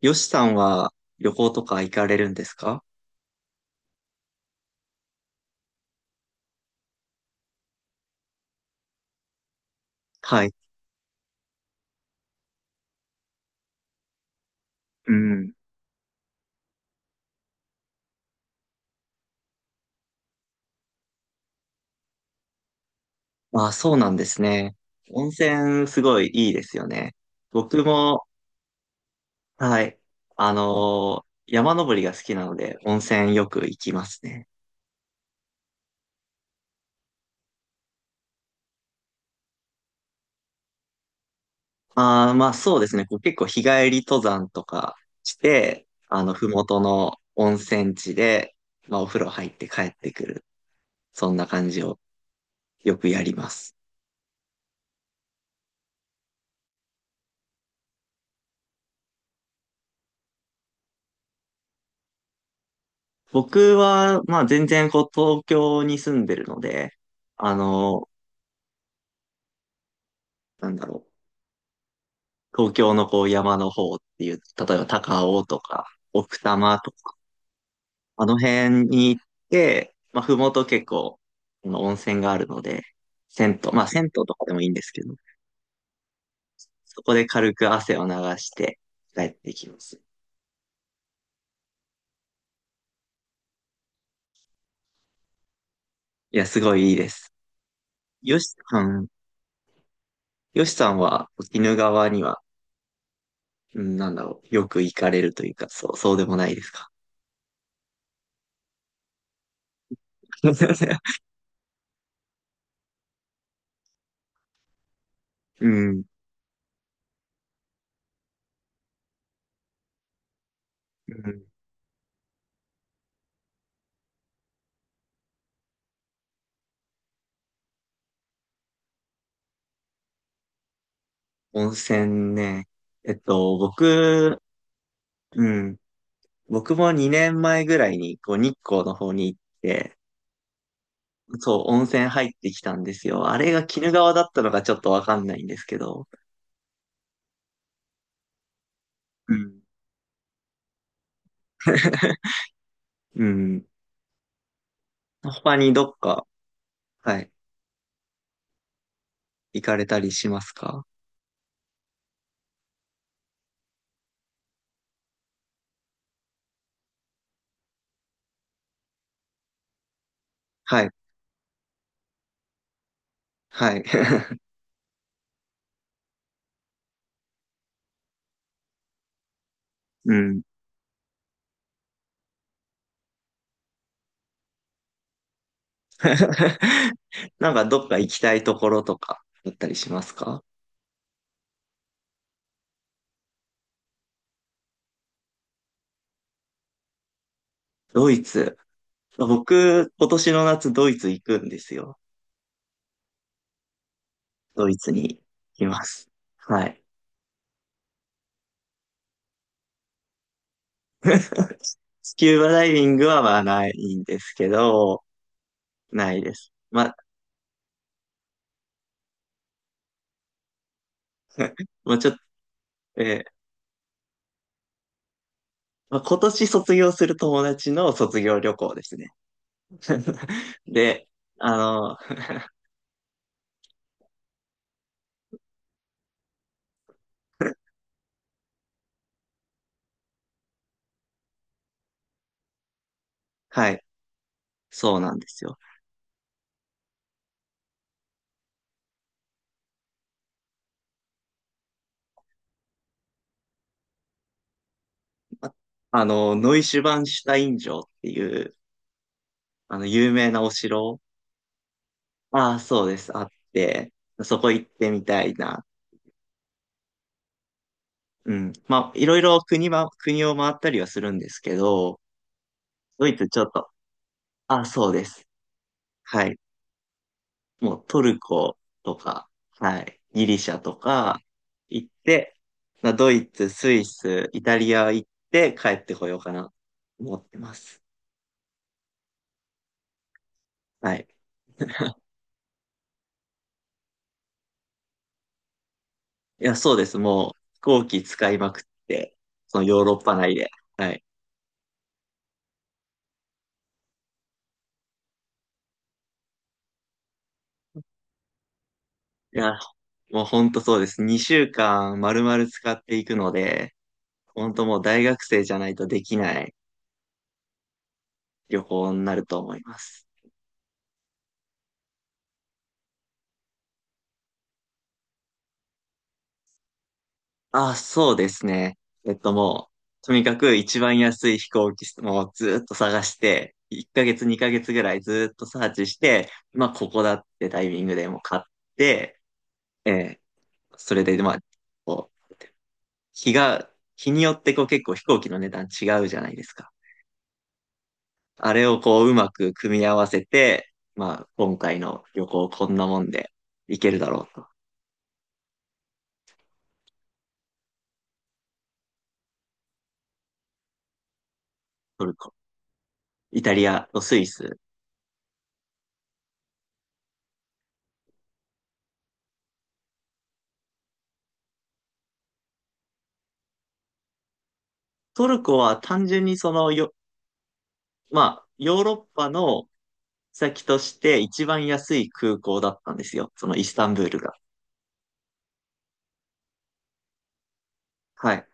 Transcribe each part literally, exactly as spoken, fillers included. よしさんは旅行とか行かれるんですか？はい。うん。まあ、そうなんですね。温泉すごいいいですよね。僕も、はい、あのー山登りが好きなので、温泉よく行きますね。まあー、まあそうですね。こう結構日帰り登山とかして、あの、ふもとの温泉地で、まあお風呂入って帰ってくる。そんな感じをよくやります。僕は、まあ全然こう東京に住んでるので、あの、なんだろう、東京のこう山の方っていう、例えば高尾とか奥多摩とか、あの辺に行って、まあ麓結構、あの温泉があるので、銭湯、まあ銭湯とかでもいいんですけど、そこで軽く汗を流して帰ってきます。いや、すごいいいです。よしさん、よしさんは鬼怒川には、うん、なんだろう、よく行かれるというか、そう、そうでもないですか？うん、うん。温泉ね。えっと、僕、うん。僕もにねんまえぐらいに、こう、日光の方に行って、そう、温泉入ってきたんですよ。あれが鬼怒川だったのかちょっとわかんないんですけど。うん。うん。他にどっか、はい、行かれたりしますか？はい。はい。うん。なんかどっか行きたいところとかだったりしますか？ドイツ。僕、今年の夏ドイツ行くんですよ。ドイツにいます。はい。スキューバダイビングはまあないんですけど、ないです。まあ、まあちょっと、えーまあ、今年卒業する友達の卒業旅行ですね。で、あの、はい、そうなんですよ。ああの、ノイシュバンシュタイン城っていう、あの、有名なお城、ああ、そうです、あって、そこ行ってみたいな。うん。まあ、いろいろ国は、国を回ったりはするんですけど、ドイツちょっとあ、そうです。はい。もうトルコとか、はい、ギリシャとか行って、まあ、ドイツ、スイス、イタリア行って帰ってこようかな、思ってます。はい。いや、そうです。もう飛行機使いまくって、そのヨーロッパ内で。はい。いや、もうほんとそうです。にしゅうかん丸々使っていくので、ほんともう大学生じゃないとできない旅行になると思います。あ、そうですね。えっともう、とにかく一番安い飛行機もずっと探して、いっかげつにかげつぐらいずっとサーチして、まあここだってタイミングでもう買って、ええそれでまあ、こう、日が、日によってこう結構飛行機の値段違うじゃないですか。あれをこううまく組み合わせて、まあ今回の旅行こんなもんで行けるだろうと。トルコ、イタリアとスイス。トルコは単純にそのよ、まあ、ヨーロッパの先として一番安い空港だったんですよ。そのイスタンブールが。はい。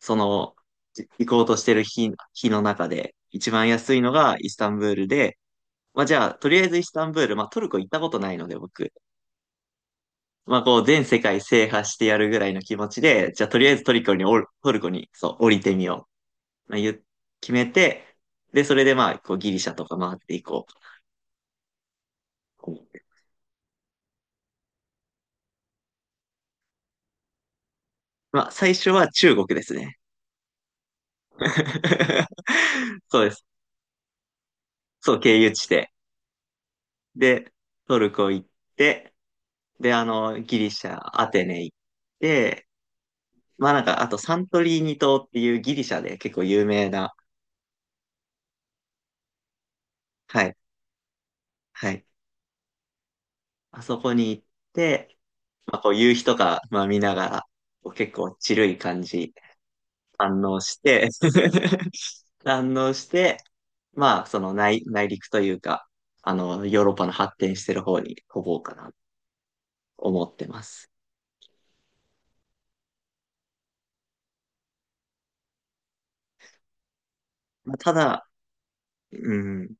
その、じ行こうとしてる日、日の中で、一番安いのがイスタンブールで、まあじゃあ、とりあえずイスタンブール、まあトルコ行ったことないので僕、まあこう全世界制覇してやるぐらいの気持ちで、じゃあとりあえずトルコにおる、トルコに、そう、降りてみよう。まあ、言う決めて、で、それでまあ、こうギリシャとか回っていこうと思って。まあ最初は中国ですね。そうです。そう、経由地で。で、トルコ行って、で、あの、ギリシャ、アテネ行って、まあなんか、あとサントリーニ島っていうギリシャで結構有名な、はい、はい。あそこに行って、まあこう夕日とか、まあ見ながら、こう結構チルい感じ、堪能して 堪能して、まあその内、内陸というか、あの、ヨーロッパの発展してる方に飛ぼうかな、思ってます。まあ、ただ、うん、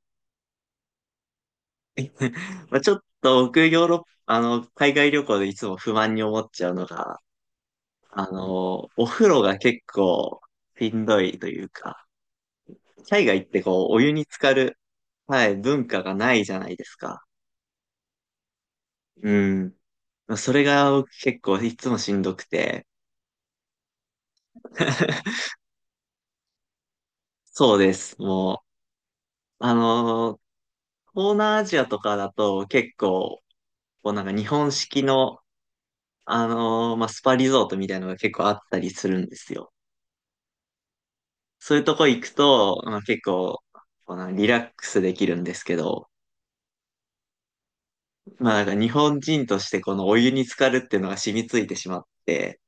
まあ、ちょっと僕、ヨーロッパ、あの、海外旅行でいつも不満に思っちゃうのが、あの、お風呂が結構しんどいというか、海外ってこう、お湯に浸かる、はい、文化がないじゃないですか。うん。まあそれが僕結構いつもしんどくて、そうです。もう、あのー、東南アジアとかだと結構、こうなんか日本式の、あのーまあ、スパリゾートみたいなのが結構あったりするんですよ。そういうとこ行くと、まあ、結構、このリラックスできるんですけど、まあなんか日本人としてこのお湯に浸かるっていうのが染みついてしまって、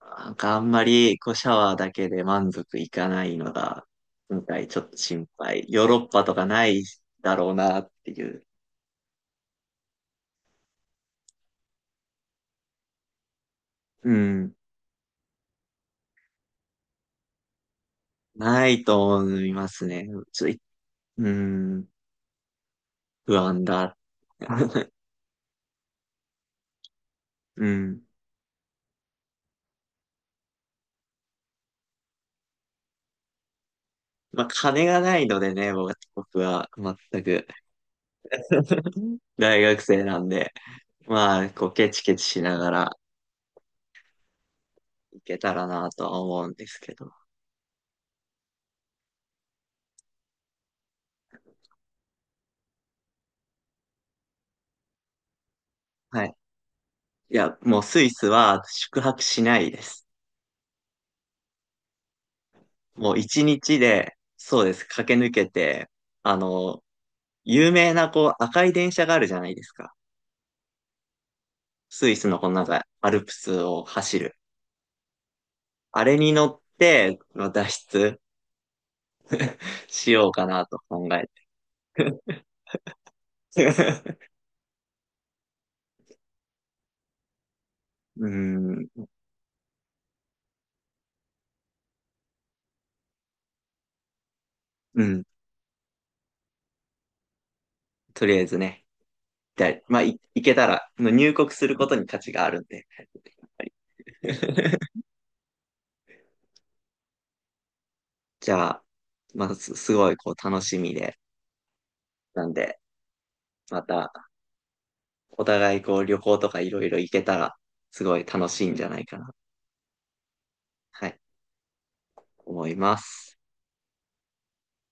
なんかあんまりこうシャワーだけで満足いかないのが、今回ちょっと心配。ヨーロッパとかないだろうなっていう。うん。ないと思いますね。ちょっと、うん。不安だ。うん。まあ金がないのでね、僕は僕は全く。大学生なんで。まあ、こう、ケチケチしながら行けたらなとは思うんですけど。はい。いや、もうスイスは宿泊しないです。もう一日で、そうです、駆け抜けて、あの、有名なこう、赤い電車があるじゃないですか。スイスのこのなんか、アルプスを走る。あれに乗って、まあ脱出しようかなと考えて。うん、うん、とりあえずね。で、まあ、い行けたら、入国することに価値があるんで。はい、じゃあ、まあ、す、すごいこう楽しみで、なんで、またお互いこう旅行とかいろいろ行けたら、すごい楽しいんじゃないかな、はい、思います。